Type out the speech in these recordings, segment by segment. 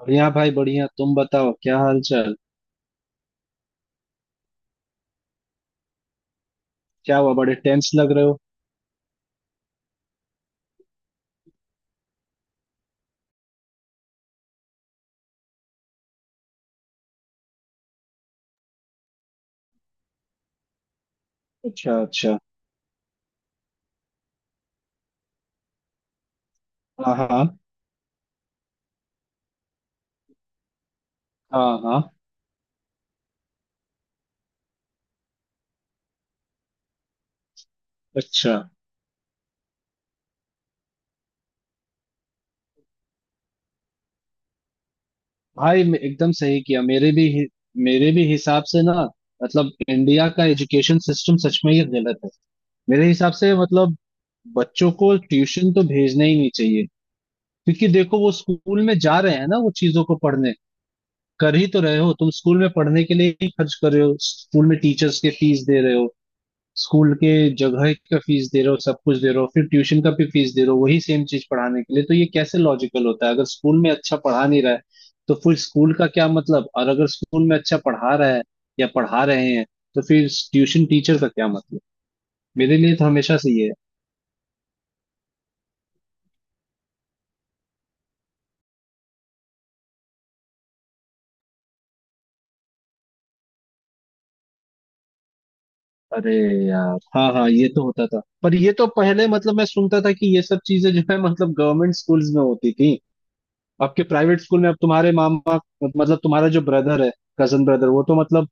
बढ़िया भाई बढ़िया। तुम बताओ क्या हाल चाल। क्या हुआ, बड़े टेंस लग रहे हो? अच्छा अच्छा। हाँ हाँ। हाँ हाँ। अच्छा, भाई एकदम सही किया। मेरे भी हिसाब से ना, मतलब इंडिया का एजुकेशन सिस्टम सच में ही गलत है। मेरे हिसाब से मतलब बच्चों को ट्यूशन तो भेजना ही नहीं चाहिए। क्योंकि देखो वो स्कूल में जा रहे हैं ना वो चीजों को पढ़ने कर ही तो रहे हो, तुम स्कूल में पढ़ने के लिए ही खर्च कर रहे हो, स्कूल में टीचर्स के फीस दे रहे हो, स्कूल के जगह का फीस दे रहे हो, सब कुछ दे रहे हो, फिर ट्यूशन का भी फीस दे रहे हो वही सेम चीज पढ़ाने के लिए। तो ये कैसे लॉजिकल होता है? अगर स्कूल में अच्छा पढ़ा नहीं रहा है तो फिर स्कूल का क्या मतलब? और अगर स्कूल में अच्छा पढ़ा रहा है या पढ़ा रहे हैं तो फिर ट्यूशन टीचर का क्या मतलब? मेरे लिए तो हमेशा से ये है। अरे यार, हाँ हाँ, ये तो होता था पर ये तो पहले मतलब मैं सुनता था कि ये सब चीजें जो है मतलब गवर्नमेंट स्कूल्स में होती थी। आपके प्राइवेट स्कूल में अब तुम्हारे मामा, मतलब तुम्हारा जो ब्रदर है, कजन ब्रदर, वो तो मतलब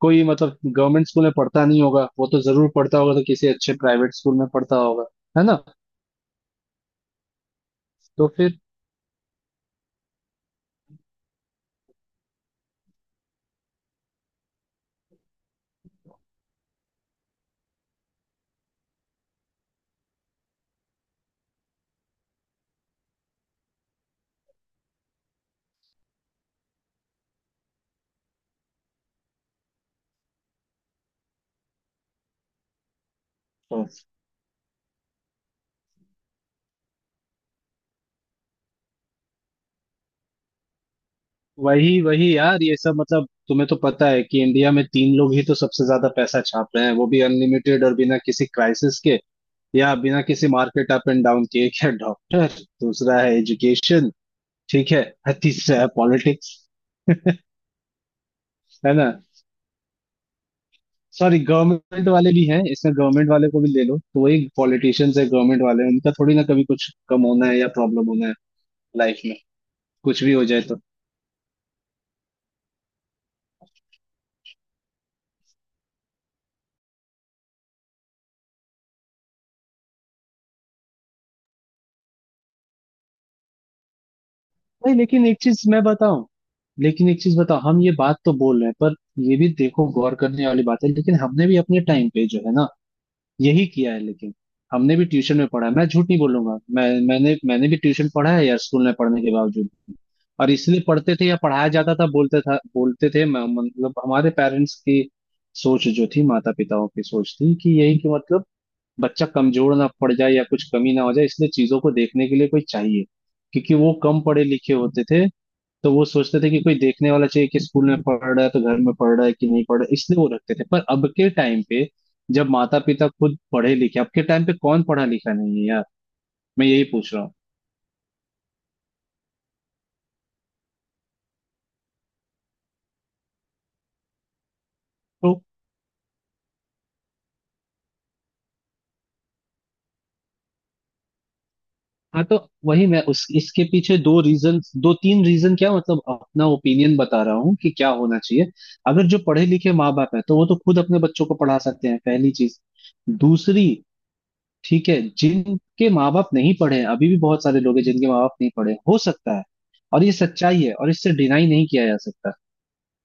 कोई मतलब गवर्नमेंट स्कूल में पढ़ता नहीं होगा, वो तो जरूर पढ़ता होगा तो किसी अच्छे प्राइवेट स्कूल में पढ़ता होगा, है ना? तो फिर हम्म। वही वही यार, ये सब मतलब तुम्हें तो पता है कि इंडिया में तीन लोग ही तो सबसे ज्यादा पैसा छाप रहे हैं, वो भी अनलिमिटेड और बिना किसी क्राइसिस के या बिना किसी मार्केट अप एंड डाउन के। एक है डॉक्टर, दूसरा है एजुकेशन, ठीक है, और तीसरा है पॉलिटिक्स, है ना? सॉरी, गवर्नमेंट वाले भी हैं इसमें, गवर्नमेंट वाले को भी ले लो तो वही पॉलिटिशियंस है। गवर्नमेंट वाले उनका थोड़ी ना कभी कुछ कम होना है या प्रॉब्लम होना है लाइफ में, कुछ भी हो जाए तो। नहीं लेकिन एक चीज मैं बताऊं, लेकिन एक चीज बताओ, हम ये बात तो बोल रहे हैं पर ये भी देखो गौर करने वाली बात है, लेकिन हमने भी अपने टाइम पे जो है ना यही किया है। लेकिन हमने भी ट्यूशन में पढ़ा है, मैं झूठ नहीं बोलूंगा, मैंने भी ट्यूशन पढ़ा है यार, स्कूल में पढ़ने के बावजूद भी। और इसलिए पढ़ते थे या पढ़ाया जाता था, बोलते थे, मतलब हमारे पेरेंट्स की सोच जो थी, माता पिताओं की सोच थी कि यही कि मतलब बच्चा कमजोर ना पड़ जाए या कुछ कमी ना हो जाए इसलिए चीजों को देखने के लिए कोई चाहिए, क्योंकि वो कम पढ़े लिखे होते थे। तो वो सोचते थे कि कोई देखने वाला चाहिए कि स्कूल में पढ़ रहा है तो घर में पढ़ रहा है कि नहीं पढ़ रहा है, इसलिए वो रखते थे। पर अब के टाइम पे जब माता पिता खुद पढ़े लिखे, अब के टाइम पे कौन पढ़ा लिखा नहीं है यार, मैं यही पूछ रहा हूँ। तो हाँ, तो वही मैं, उस इसके पीछे दो रीजन, दो तीन रीजन, क्या मतलब अपना ओपिनियन बता रहा हूँ कि क्या होना चाहिए। अगर जो पढ़े लिखे माँ बाप है तो वो तो खुद अपने बच्चों को पढ़ा सकते हैं, पहली चीज। दूसरी, ठीक है जिनके माँ बाप नहीं पढ़े हैं, अभी भी बहुत सारे लोग हैं जिनके माँ बाप नहीं पढ़े हैं, हो सकता है, और ये सच्चाई है और इससे डिनाई नहीं किया जा सकता।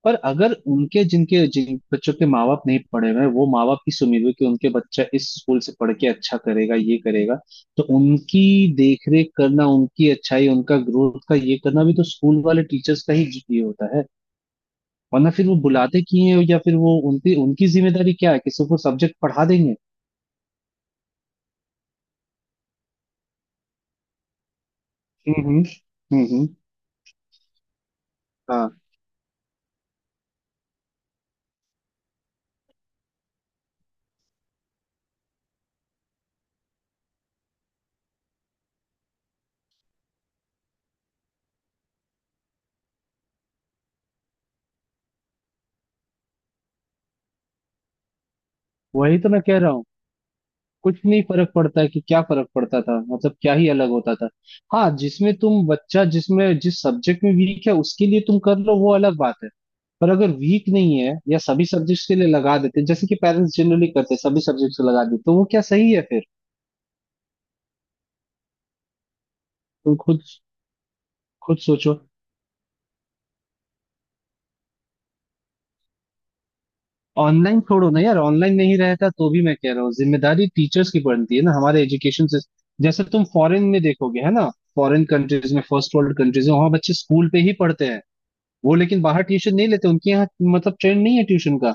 पर अगर उनके जिन बच्चों के माँ बाप नहीं पढ़े हुए हैं, वो माँ बाप इस उम्मीद में कि उनके बच्चा इस स्कूल से पढ़ के अच्छा करेगा ये करेगा, तो उनकी देख रेख करना, उनकी अच्छाई, उनका ग्रोथ का ये करना भी तो स्कूल वाले टीचर्स का ही ये होता है। वरना फिर वो बुलाते क्यों हैं? या फिर वो उनकी उनकी जिम्मेदारी क्या है कि सिर्फ वो सब्जेक्ट पढ़ा देंगे? हम्म, हम्म, हम्म, हम्म। हाँ, वही तो मैं कह रहा हूँ, कुछ नहीं फर्क पड़ता है, कि क्या फर्क पड़ता था, मतलब क्या ही अलग होता था। हाँ जिसमें तुम बच्चा जिसमें जिस सब्जेक्ट में वीक है उसके लिए तुम कर लो, वो अलग बात है। पर अगर वीक नहीं है या सभी सब्जेक्ट्स के लिए लगा देते जैसे कि पेरेंट्स जनरली करते हैं, सभी सब्जेक्ट्स को लगा देते, तो वो क्या सही है फिर? तुम खुद खुद सोचो। ऑनलाइन छोड़ो ना यार, ऑनलाइन नहीं रहता तो भी मैं कह रहा हूँ, जिम्मेदारी टीचर्स की बनती है ना हमारे एजुकेशन से। जैसे तुम फॉरेन में देखोगे है ना, फॉरेन कंट्रीज में, फर्स्ट वर्ल्ड कंट्रीज में वहां बच्चे स्कूल पे ही पढ़ते हैं। वो लेकिन बाहर ट्यूशन नहीं लेते, उनके यहाँ मतलब ट्रेंड नहीं है ट्यूशन का।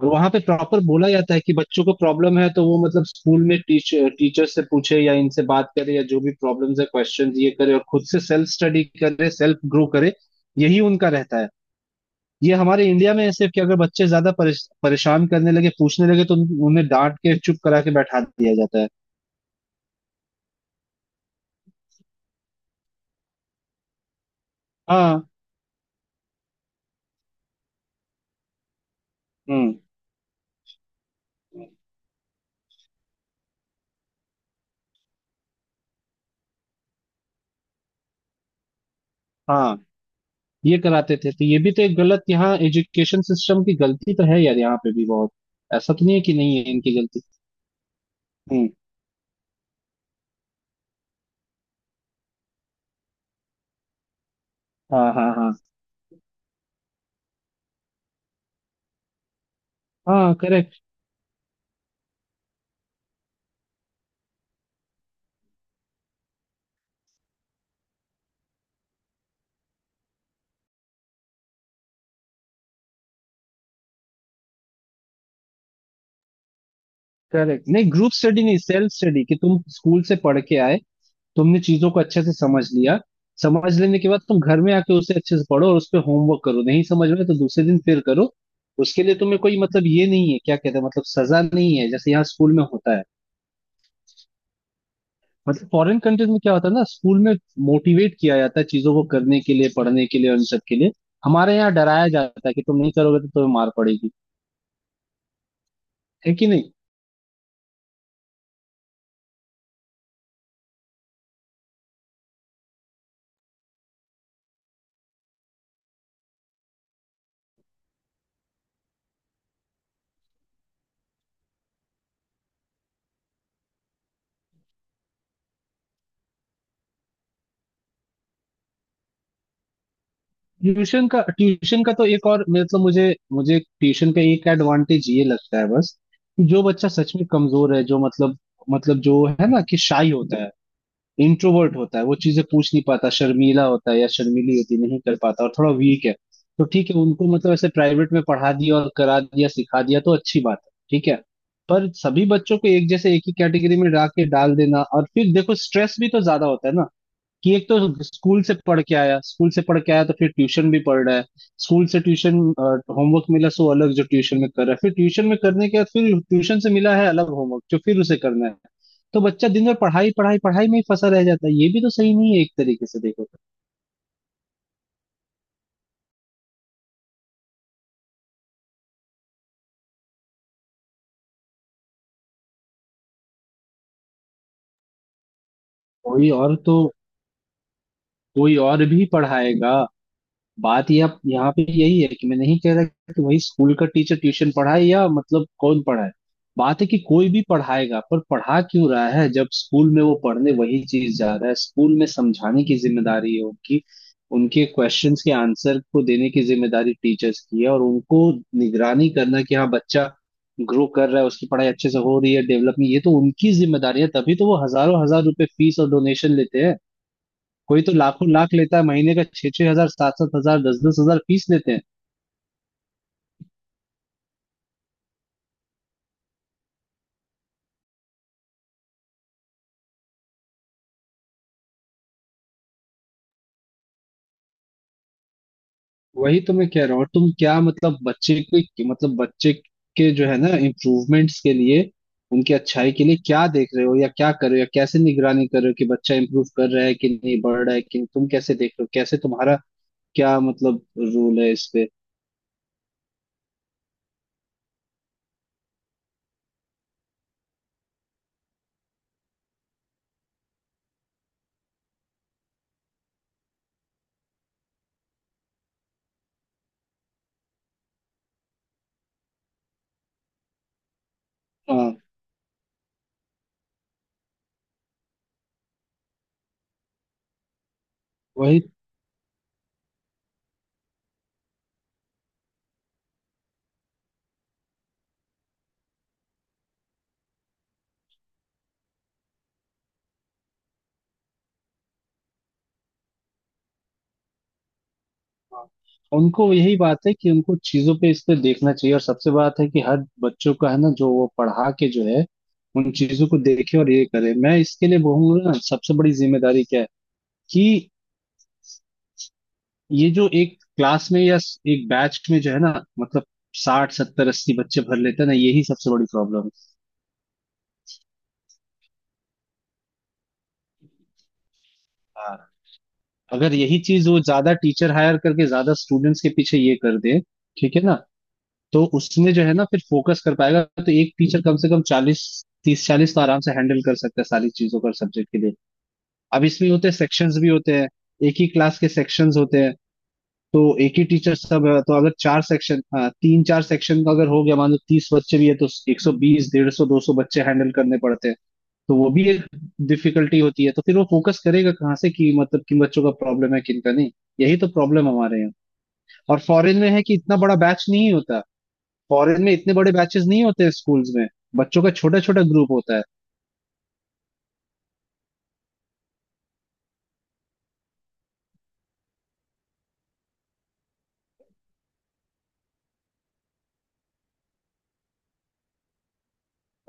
और वहां पे प्रॉपर बोला जाता है कि बच्चों को प्रॉब्लम है तो वो मतलब स्कूल में टीचर टीचर से पूछे या इनसे बात करे या जो भी प्रॉब्लम्स है क्वेश्चन ये करे और खुद से सेल्फ स्टडी करे, सेल्फ ग्रो करे। यही उनका रहता है। ये हमारे इंडिया में है सिर्फ कि अगर बच्चे ज्यादा परेशान करने लगे पूछने लगे तो उन्हें डांट के चुप करा के बैठा दिया जाता है। हाँ। हम्म। हाँ। ये कराते थे तो ये भी तो एक गलत, यहाँ एजुकेशन सिस्टम की गलती तो है यार, यहाँ पे भी बहुत। ऐसा तो नहीं है कि नहीं है इनकी गलती। हम्म। हाँ। हाँ हाँ। हाँ। करेक्ट। करेक्ट, नहीं ग्रुप स्टडी नहीं, सेल्फ स्टडी, कि तुम स्कूल से पढ़ के आए, तुमने चीजों को अच्छे से समझ लिया, समझ लेने के बाद तुम घर में आके उसे अच्छे से पढ़ो और उस पर होमवर्क करो, नहीं समझ में तो दूसरे दिन फिर करो। उसके लिए तुम्हें कोई मतलब ये नहीं है, क्या कहते हैं, मतलब सजा नहीं है जैसे यहाँ स्कूल में होता है। मतलब फॉरेन कंट्रीज में क्या होता है ना स्कूल में, मोटिवेट किया जाता है चीजों को करने के लिए, पढ़ने के लिए और इन सब के लिए। हमारे यहाँ डराया जाता है कि तुम नहीं करोगे तो तुम्हें मार पड़ेगी, है कि नहीं? ट्यूशन का तो एक और मतलब मुझे, ट्यूशन का एक एडवांटेज ये लगता है बस, कि जो बच्चा सच में कमजोर है, जो मतलब, मतलब जो है ना, कि शाई होता है, इंट्रोवर्ट होता है, वो चीजें पूछ नहीं पाता, शर्मीला होता है या शर्मीली होती है, नहीं कर पाता और थोड़ा वीक है, तो ठीक है उनको मतलब ऐसे प्राइवेट में पढ़ा दिया और करा दिया सिखा दिया तो अच्छी बात है, ठीक है। पर सभी बच्चों को एक जैसे एक ही कैटेगरी में डाल देना, और फिर देखो स्ट्रेस भी तो ज्यादा होता है ना। कि एक तो स्कूल से पढ़ के आया स्कूल से पढ़ के आया तो फिर ट्यूशन भी पढ़ रहा है, स्कूल से ट्यूशन होमवर्क मिला सो अलग जो ट्यूशन में कर रहा है, फिर ट्यूशन में करने के बाद फिर ट्यूशन से मिला है अलग होमवर्क जो फिर उसे करना है। तो बच्चा दिन भर पढ़ाई पढ़ाई पढ़ाई में ही फंसा रह जाता है, ये भी तो सही नहीं है एक तरीके से देखो तो। कोई और तो कोई और भी पढ़ाएगा। बात यह यहाँ पे यही है कि मैं नहीं कह रहा कि वही स्कूल का टीचर ट्यूशन पढ़ाए या मतलब कौन पढ़ाए। बात है कि कोई भी पढ़ाएगा, पर पढ़ा क्यों रहा है जब स्कूल में वो पढ़ने वही चीज जा रहा है, स्कूल में समझाने की जिम्मेदारी है उनकी, उनके क्वेश्चंस के आंसर को देने की जिम्मेदारी टीचर्स की है, और उनको निगरानी करना कि हाँ बच्चा ग्रो कर रहा है, उसकी पढ़ाई अच्छे से हो रही है, डेवलपमेंट, ये तो उनकी जिम्मेदारी है, तभी तो वो हजारों हजार रुपए फीस और डोनेशन लेते हैं। कोई तो लाखों लाख लेता है महीने का, छह छह हजार, सात सात हजार, दस दस हजार फीस लेते हैं। वही तो मैं कह रहा हूँ। और तुम क्या मतलब बच्चे के जो है ना इम्प्रूवमेंट्स के लिए, उनकी अच्छाई के लिए क्या देख रहे हो या क्या कर रहे हो या कैसे निगरानी कर रहे हो कि बच्चा इम्प्रूव कर रहा है कि नहीं, बढ़ रहा है कि नहीं? तुम कैसे देख रहे हो, कैसे तुम्हारा क्या मतलब रोल है इस पे? हाँ। वही। हाँ। उनको यही बात है कि उनको चीजों पे इस पे देखना चाहिए, और सबसे बात है कि हर बच्चों का है ना जो वो पढ़ा के जो है उन चीजों को देखे और ये करे। मैं इसके लिए बोलूंगा ना, सबसे बड़ी जिम्मेदारी क्या है, कि ये जो एक क्लास में या एक बैच में जो है ना मतलब 60 70 80 बच्चे भर लेते हैं ना, यही सबसे बड़ी प्रॉब्लम है। हाँ। अगर यही चीज वो ज्यादा टीचर हायर करके ज्यादा स्टूडेंट्स के पीछे ये कर दे, ठीक है ना, तो उसमें जो है ना फिर फोकस कर पाएगा। तो एक टीचर कम से कम 40, 30 40 तो आराम से हैंडल कर सकता है सारी चीजों का सब्जेक्ट के लिए। अब इसमें होते हैं सेक्शंस भी होते हैं, एक ही क्लास के सेक्शंस होते हैं तो एक ही टीचर सब, तो अगर चार सेक्शन, तीन चार सेक्शन का अगर हो गया, मान लो 30 बच्चे भी है, तो 120, 150, 200 बच्चे हैंडल करने पड़ते हैं। तो वो भी एक डिफिकल्टी होती है, तो फिर वो फोकस करेगा कहाँ से कि मतलब किन बच्चों का प्रॉब्लम है किन का नहीं। यही तो प्रॉब्लम हमारे यहाँ। और फॉरेन में है कि इतना बड़ा बैच नहीं होता, फॉरेन में इतने बड़े बैचेस नहीं होते स्कूल्स में, बच्चों का छोटा छोटा ग्रुप होता है।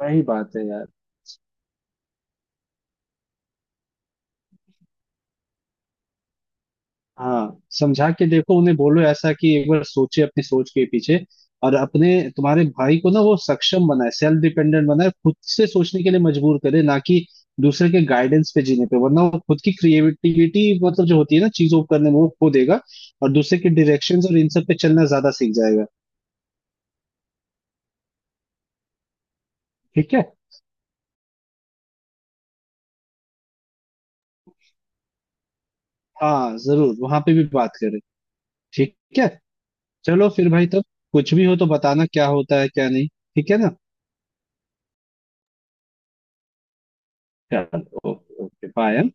वही बात है यार। हाँ, समझा के देखो उन्हें, बोलो ऐसा कि एक बार सोचे अपनी सोच के पीछे। और अपने तुम्हारे भाई को ना वो सक्षम बनाए, सेल्फ डिपेंडेंट बनाए, खुद से सोचने के लिए मजबूर करे, ना कि दूसरे के गाइडेंस पे जीने पे, वरना वो खुद की क्रिएटिविटी, मतलब जो होती है ना चीजों को करने में, वो खो देगा, और दूसरे के डायरेक्शंस और इन सब पे चलना ज्यादा सीख जाएगा। ठीक है। हाँ जरूर वहां पे भी बात करें। ठीक है। चलो फिर भाई तब, कुछ भी हो तो बताना क्या होता है क्या नहीं, ठीक है ना? चलो, ओके ओके बाय।